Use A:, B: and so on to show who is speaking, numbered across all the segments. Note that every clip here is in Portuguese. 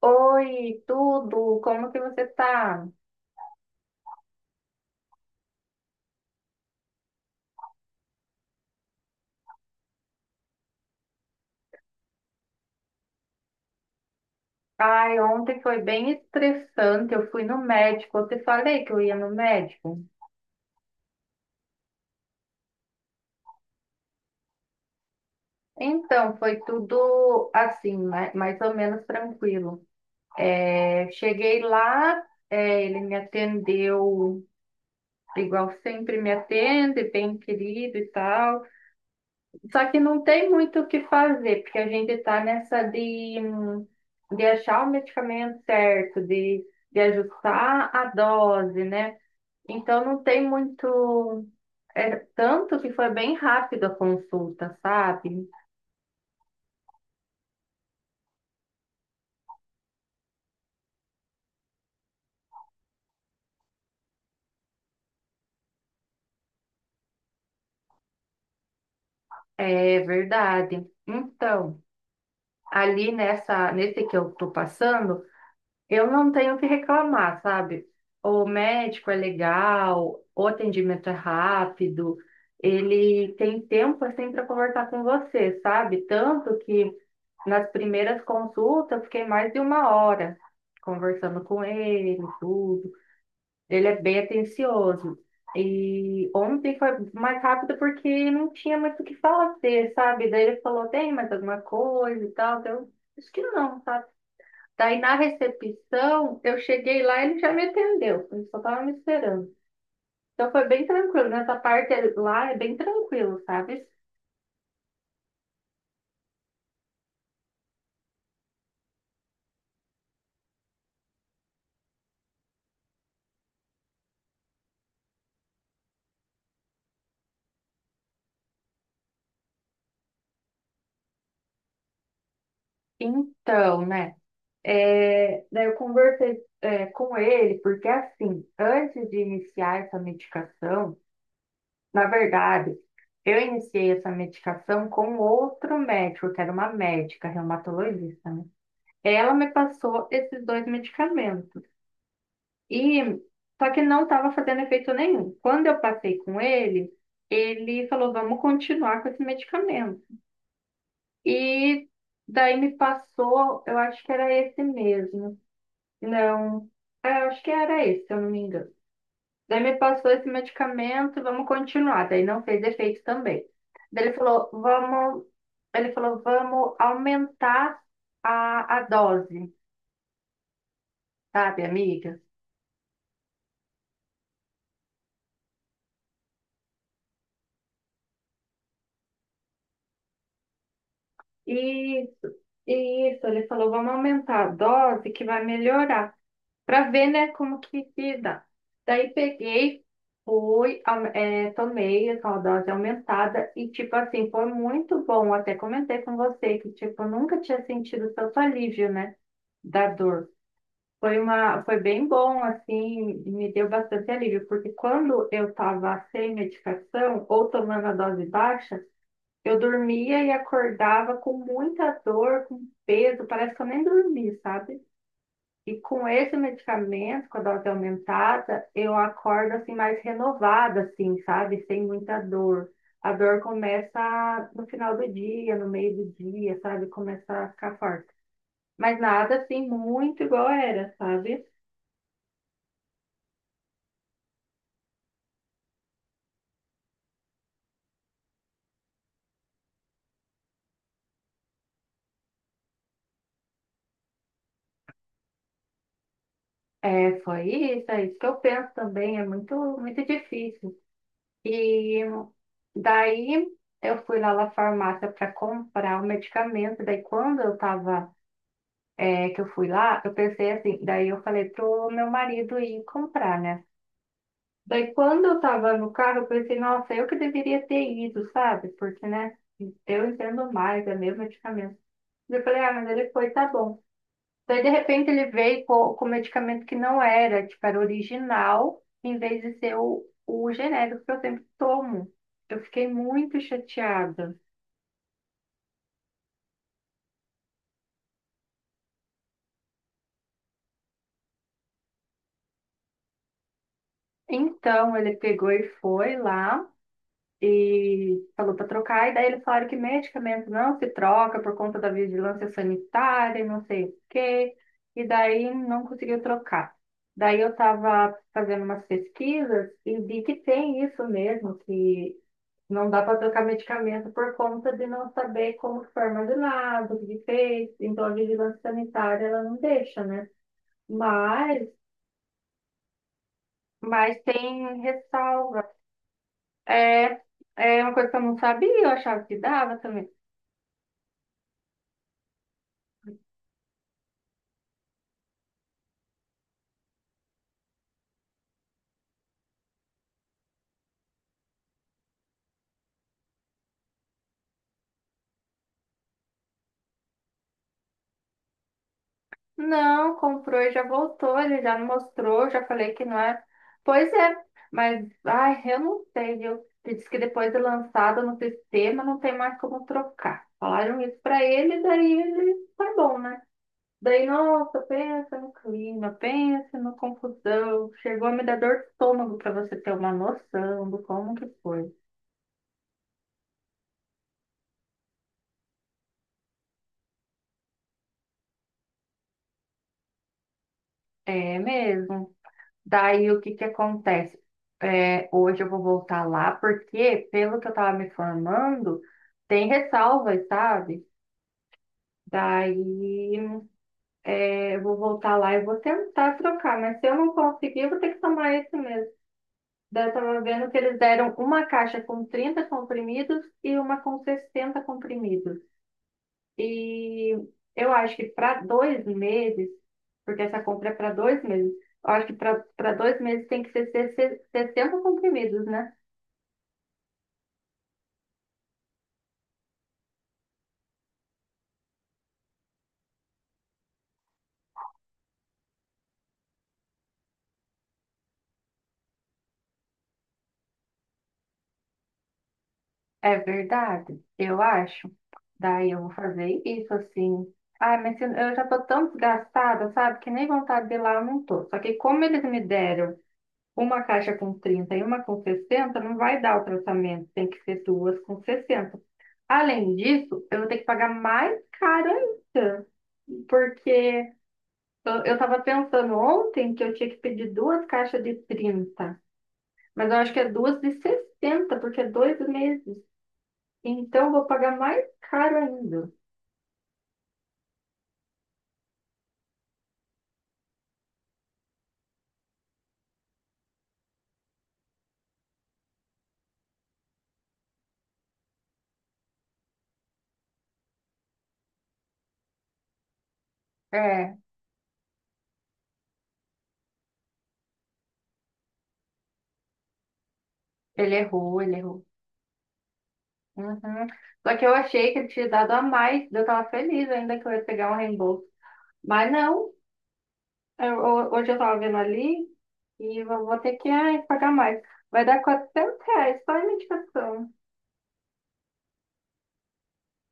A: Oi, tudo? Como que você tá? Ai, ontem foi bem estressante. Eu fui no médico. Eu te falei que eu ia no médico. Então, foi tudo assim, mais ou menos tranquilo. Eu cheguei lá, ele me atendeu igual sempre me atende, bem querido e tal. Só que não tem muito o que fazer, porque a gente tá nessa de achar o medicamento certo, de ajustar a dose, né? Então não tem muito. É, tanto que foi bem rápido a consulta, sabe? É verdade. Então, nesse que eu tô passando, eu não tenho o que reclamar, sabe? O médico é legal, o atendimento é rápido, ele tem tempo assim para conversar com você, sabe? Tanto que nas primeiras consultas eu fiquei mais de uma hora conversando com ele, tudo. Ele é bem atencioso. E ontem foi mais rápido porque não tinha muito o que fazer, sabe? Daí ele falou, tem mais alguma coisa e tal. Daí eu disse que não, sabe? Daí na recepção, eu cheguei lá e ele já me atendeu. Ele só tava me esperando. Então foi bem tranquilo. Nessa parte lá é bem tranquilo, sabe? Então, né? Daí eu conversei, com ele, porque assim, antes de iniciar essa medicação, na verdade, eu iniciei essa medicação com outro médico, que era uma médica reumatologista, né? Ela me passou esses dois medicamentos. E só que não estava fazendo efeito nenhum. Quando eu passei com ele, ele falou: "Vamos continuar com esse medicamento". E daí me passou, eu acho que era esse mesmo. Não, eu acho que era esse, se eu não me engano. Daí me passou esse medicamento, vamos continuar. Daí não fez efeito também. Daí ele falou, vamos aumentar a dose, sabe, amiga? Isso, isso, ele falou, vamos aumentar a dose que vai melhorar, para ver, né, como que se dá. Daí peguei, tomei essa dose aumentada e, tipo assim, foi muito bom. Até comentei com você que, tipo, eu nunca tinha sentido tanto alívio, né, da dor. Foi bem bom, assim, me deu bastante alívio, porque quando eu estava sem medicação ou tomando a dose baixa, eu dormia e acordava com muita dor, com peso, parece que eu nem dormi, sabe? E com esse medicamento, com a dose aumentada, eu acordo assim mais renovada, assim, sabe? Sem muita dor. A dor começa no final do dia, no meio do dia, sabe? Começa a ficar forte. Mas nada assim muito igual era, sabe? É, foi isso, é isso que eu penso também, é muito, muito difícil. E daí eu fui lá na farmácia para comprar o medicamento, daí quando eu tava, que eu fui lá, eu pensei assim, daí eu falei pro meu marido ir comprar, né? Daí quando eu tava no carro, eu pensei, nossa, eu que deveria ter ido, sabe? Porque, né, eu entendo mais, é meu medicamento. Eu falei, ah, mas ele foi, tá bom. Daí, de repente, ele veio com medicamento que não era, tipo, era original, em vez de ser o genérico que eu sempre tomo. Eu fiquei muito chateada. Então, ele pegou e foi lá e falou para trocar, e daí eles falaram que medicamento não se troca por conta da vigilância sanitária, e não sei o quê, e daí não conseguiu trocar. Daí eu estava fazendo umas pesquisas e vi que tem isso mesmo, que não dá para trocar medicamento por conta de não saber como que foi armazenado, o que que fez. Então, a vigilância sanitária, ela não deixa, né? Mas, mas tem ressalva. É, é uma coisa que eu não sabia, eu achava que dava também. Não, comprou e já voltou, ele já não mostrou, já falei que não é. Pois é, mas, ai, eu não sei, eu disse que depois de lançado no sistema não tem mais como trocar. Falaram isso para ele, daí ele tá bom, né? Daí, nossa, pensa no clima, pensa na confusão. Chegou a me dar dor de estômago para você ter uma noção do como que foi. É mesmo. Daí, o que que acontece? É, hoje eu vou voltar lá porque, pelo que eu tava me formando, tem ressalvas, sabe? Daí, eu vou voltar lá e vou tentar trocar, mas se eu não conseguir, eu vou ter que tomar esse mesmo. Daí eu tava vendo que eles deram uma caixa com 30 comprimidos e uma com 60 comprimidos. E eu acho que para dois meses, porque essa compra é para dois meses, eu acho que para dois meses tem que ser 60 comprimidos, né? É verdade, eu acho. Daí eu vou fazer isso assim. Ai, eu já tô tão desgastada, sabe? Que nem vontade de ir lá eu não tô. Só que como eles me deram uma caixa com 30 e uma com 60 não vai dar o tratamento. Tem que ser duas com sessenta. Além disso, eu vou ter que pagar mais caro ainda. Porque eu tava pensando ontem que eu tinha que pedir duas caixas de 30, mas eu acho que é duas de 60 porque é dois meses. Então eu vou pagar mais caro ainda. É, ele errou, ele errou. Uhum. Só que eu achei que ele tinha dado a mais, eu estava feliz ainda que eu ia pegar um reembolso. Mas não, hoje eu estava vendo ali e eu vou ter que ai, pagar mais. Vai dar R$ 400 só a medicação.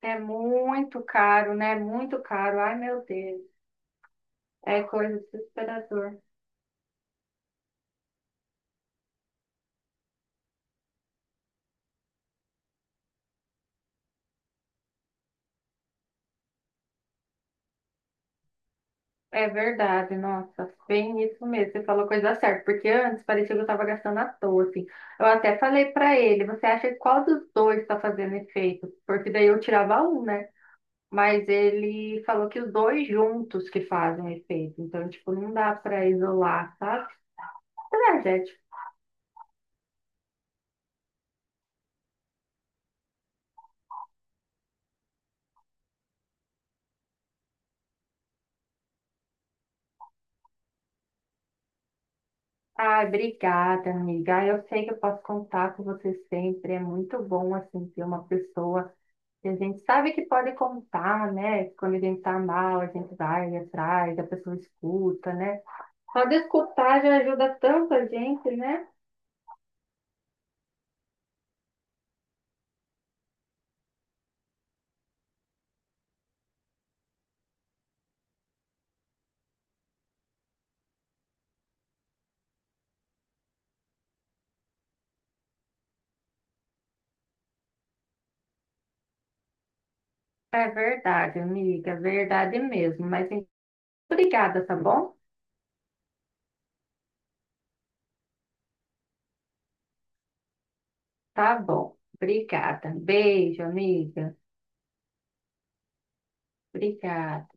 A: É muito caro, né? Muito caro. Ai, meu Deus. É coisa desesperador. É verdade, nossa, bem isso mesmo. Você falou coisa certa, porque antes parecia que eu estava gastando à toa, assim. Eu até falei para ele, você acha que qual dos dois está fazendo efeito? Porque daí eu tirava um, né? Mas ele falou que os dois juntos que fazem efeito. Então, tipo, não dá para isolar, sabe? Energético. Ai, obrigada, amiga. Eu sei que eu posso contar com você sempre. É muito bom, assim, ter uma pessoa. E a gente sabe que pode contar, né? Quando a gente tá mal, a gente vai atrás, a pessoa escuta, né? Só de escutar já ajuda tanto a gente, né? É verdade, amiga, verdade mesmo. Obrigada, tá bom? Tá bom. Obrigada. Beijo, amiga. Obrigada.